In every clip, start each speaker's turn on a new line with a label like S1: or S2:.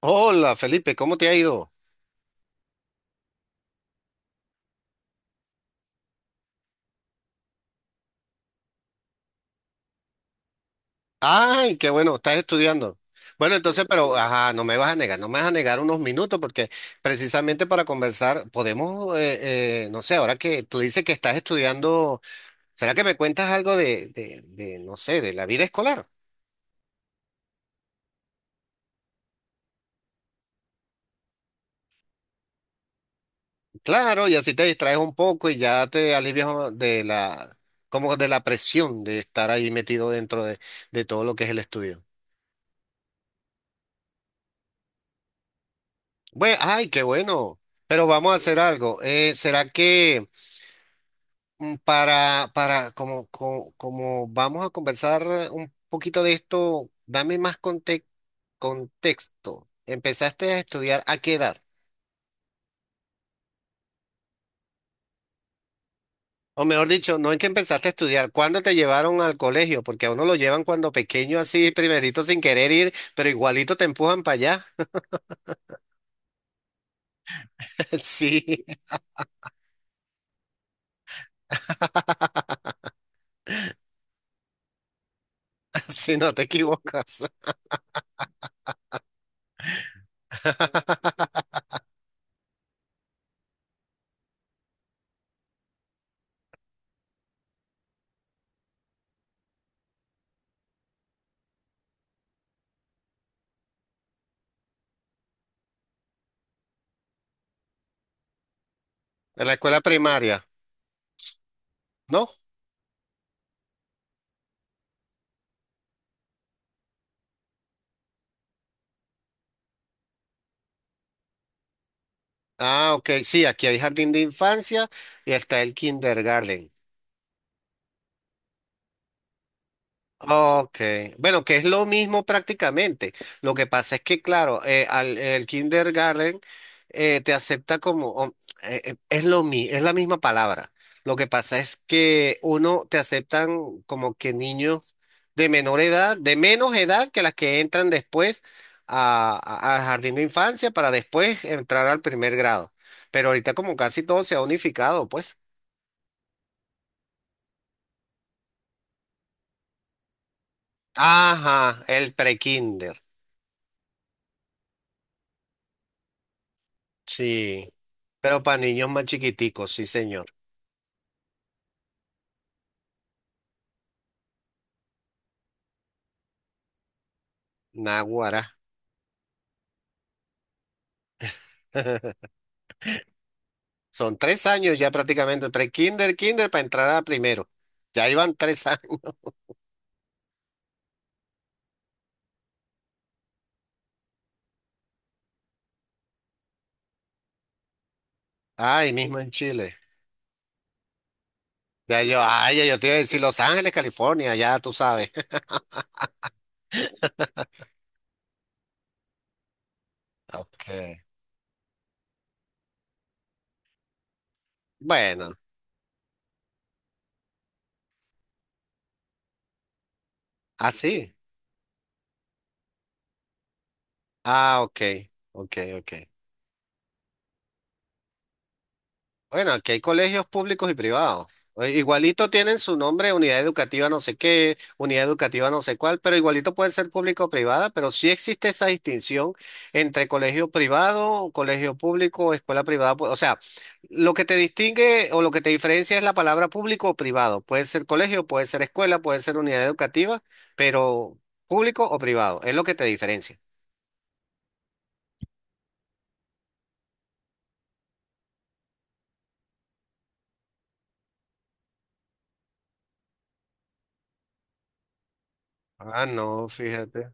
S1: Hola Felipe, ¿cómo te ha ido? Ay, qué bueno, estás estudiando. Bueno, entonces, pero, ajá, no me vas a negar, no me vas a negar unos minutos porque precisamente para conversar podemos, no sé, ahora que tú dices que estás estudiando, ¿será que me cuentas algo de, no sé, de la vida escolar? Claro, y así te distraes un poco y ya te alivias de la, como de la presión de estar ahí metido dentro de todo lo que es el estudio. Bueno, ay, qué bueno, pero vamos a hacer algo. ¿Será que? Para, como vamos a conversar un poquito de esto, dame más contexto. ¿Empezaste a estudiar a qué edad? O mejor dicho, no es que empezaste a estudiar, ¿cuándo te llevaron al colegio? Porque a uno lo llevan cuando pequeño así, primerito sin querer ir, pero igualito te empujan para allá. Sí, si no te equivocas. En la escuela primaria, ¿no? Ah, ok, sí, aquí hay jardín de infancia y está el kindergarten. Ok, bueno, que es lo mismo prácticamente. Lo que pasa es que, claro, el kindergarten te acepta es la misma palabra. Lo que pasa es que uno te aceptan como que niños de menor edad, de menos edad que las que entran después al jardín de infancia para después entrar al primer grado. Pero ahorita como casi todo se ha unificado, pues. Ajá, el pre-kinder. Sí. Pero para niños más chiquiticos, sí, señor. Naguará. Son tres años ya prácticamente, tres kinder para entrar a primero. Ya iban tres años. Ay, mismo en Chile. Ya yo te iba a decir Los Ángeles, California, ya tú sabes. Ok. Bueno, así. Ah, ok, ok, ok. Bueno, aquí hay colegios públicos y privados. Igualito tienen su nombre, unidad educativa no sé qué, unidad educativa no sé cuál, pero igualito pueden ser público o privada, pero sí existe esa distinción entre colegio privado, colegio público, escuela privada. O sea, lo que te distingue o lo que te diferencia es la palabra público o privado. Puede ser colegio, puede ser escuela, puede ser unidad educativa, pero público o privado, es lo que te diferencia. Ah, no, fíjate.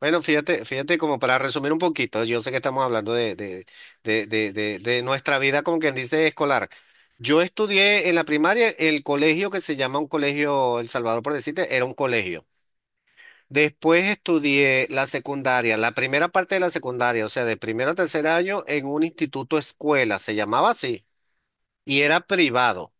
S1: Bueno, fíjate, fíjate, como para resumir un poquito, yo sé que estamos hablando de nuestra vida, como quien dice, escolar. Yo estudié en la primaria el colegio que se llama un colegio El Salvador, por decirte, era un colegio. Después estudié la secundaria, la primera parte de la secundaria, o sea, de primero a tercer año en un instituto escuela, se llamaba así, y era privado.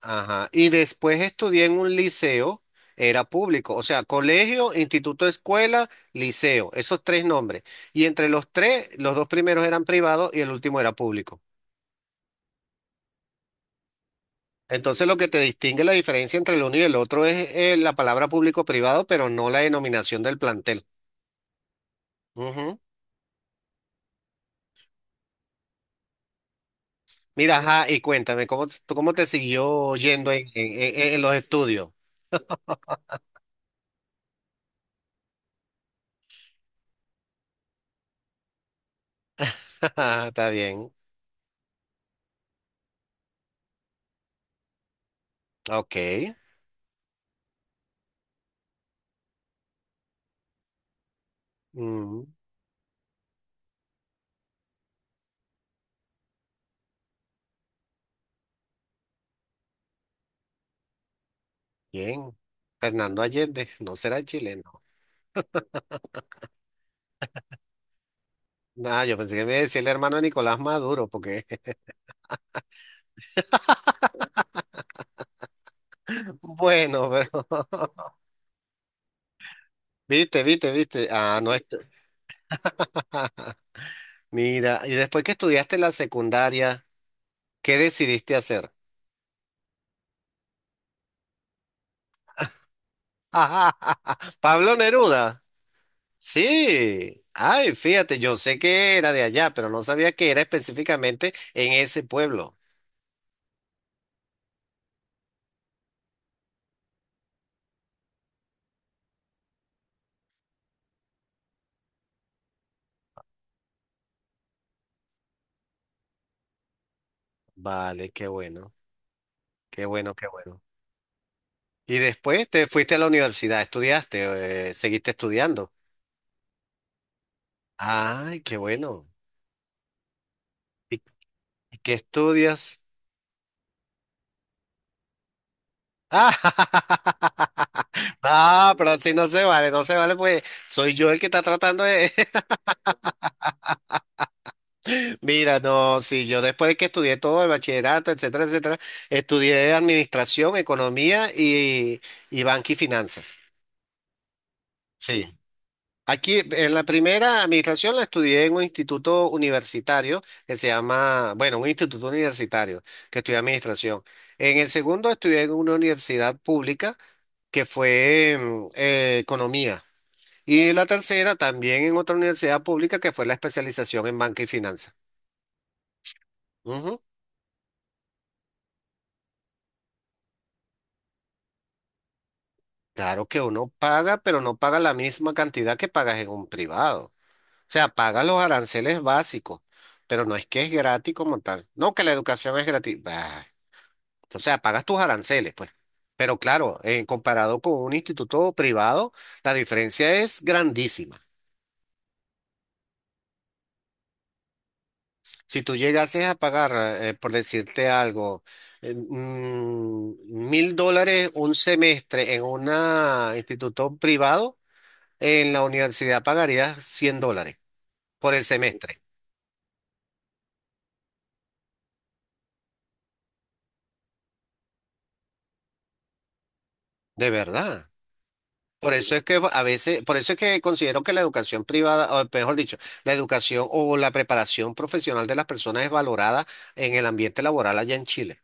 S1: Ajá. Y después estudié en un liceo, era público, o sea, colegio, instituto, escuela, liceo, esos tres nombres. Y entre los tres, los dos primeros eran privados y el último era público. Entonces lo que te distingue la diferencia entre el uno y el otro es la palabra público-privado, pero no la denominación del plantel. Ujú. Mira, ajá, y cuéntame, cómo te siguió yendo en los estudios? Ajá. Está bien, ok, Mm, bien. Fernando Allende, no será chileno. Ah, yo pensé que me decía el hermano de Nicolás Maduro, porque bueno, pero viste, viste, viste. Ah, no es. Mira, y después que estudiaste la secundaria, ¿qué decidiste hacer? Pablo Neruda. Sí. Ay, fíjate, yo sé que era de allá, pero no sabía que era específicamente en ese pueblo. Vale, qué bueno, qué bueno, qué bueno. Y después te fuiste a la universidad, estudiaste, seguiste estudiando. Ay, qué bueno. ¿Y y qué estudias? Ah, ah, pero así no se vale, no se vale, pues soy yo el que está tratando de. Mira, no, sí, yo después de que estudié todo el bachillerato, etcétera, etcétera, estudié administración, economía y banca y finanzas. Sí. Aquí en la primera administración la estudié en un instituto universitario que se llama, bueno, un instituto universitario que estudié administración. En el segundo estudié en una universidad pública que fue economía. Y la tercera también en otra universidad pública que fue la especialización en banca y finanzas. Ujú. Claro que uno paga, pero no paga la misma cantidad que pagas en un privado. O sea, paga los aranceles básicos, pero no es que es gratis como tal. No, que la educación es gratis. Bah. O sea, pagas tus aranceles, pues. Pero claro, comparado con un instituto privado, la diferencia es grandísima. Si tú llegases a pagar, por decirte algo, $1.000 un semestre en un instituto privado, en la universidad pagarías $100 por el semestre, de verdad. Por eso es que a veces, por eso es que considero que la educación privada, o mejor dicho, la educación o la preparación profesional de las personas es valorada en el ambiente laboral allá en Chile.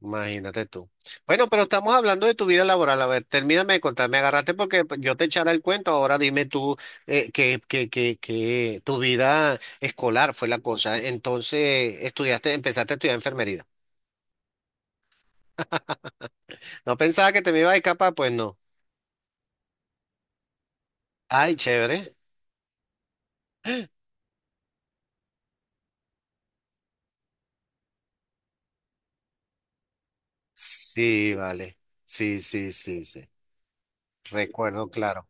S1: Imagínate tú. Bueno, pero estamos hablando de tu vida laboral. A ver, termíname de contar. Me agarraste porque pues, yo te echara el cuento. Ahora dime tú que tu vida escolar fue la cosa. Entonces, estudiaste, empezaste a estudiar enfermería. No pensaba que te me iba a ir capaz, pues no. Ay, chévere. Sí, vale. Sí, sí, sí, sí. Recuerdo, claro.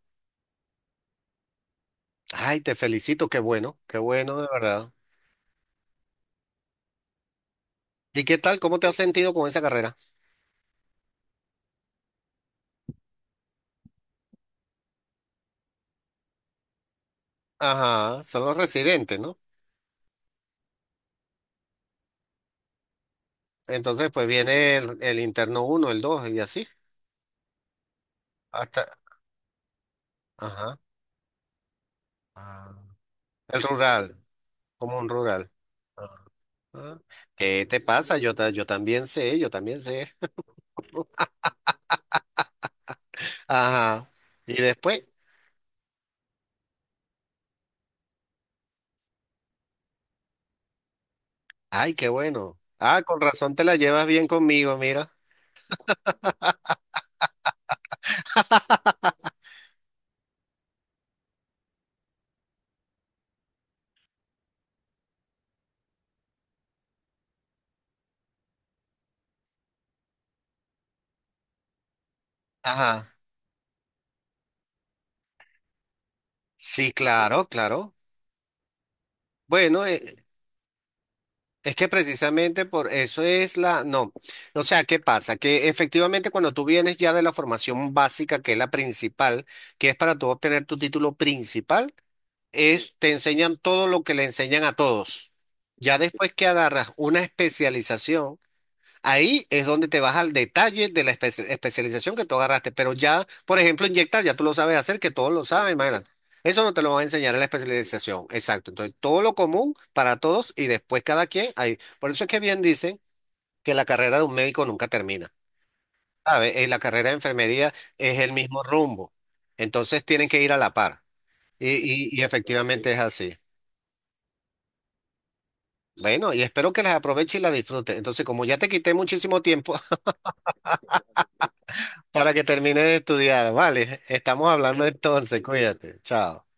S1: Ay, te felicito. Qué bueno, de verdad. ¿Y qué tal? ¿Cómo te has sentido con esa carrera? Ajá, son los residentes, ¿no? Entonces, pues viene el interno uno el 2 y así. Hasta, ajá. Ah, el rural, como un rural. Ah, ah. ¿Qué te pasa? Yo también sé, yo también sé. Ajá. Y después, ay, qué bueno. Ah, con razón te la llevas bien conmigo, mira. Ajá. Sí, claro, claro. Bueno, es que precisamente por eso es la. No, o sea, ¿qué pasa? Que efectivamente cuando tú vienes ya de la formación básica, que es la principal, que es para tú obtener tu título principal, te enseñan todo lo que le enseñan a todos. Ya después que agarras una especialización, ahí es donde te vas al detalle de la especialización que tú agarraste. Pero ya, por ejemplo, inyectar, ya tú lo sabes hacer, que todos lo saben, imagínate. Eso no te lo va a enseñar en la especialización. Exacto. Entonces, todo lo común para todos y después cada quien ahí. Por eso es que bien dicen que la carrera de un médico nunca termina. ¿Sabes? La carrera de enfermería es el mismo rumbo. Entonces, tienen que ir a la par. Y efectivamente es así. Bueno, y espero que las aproveche y las disfrute. Entonces, como ya te quité muchísimo tiempo para que termine de estudiar. Vale, estamos hablando entonces, cuídate, chao.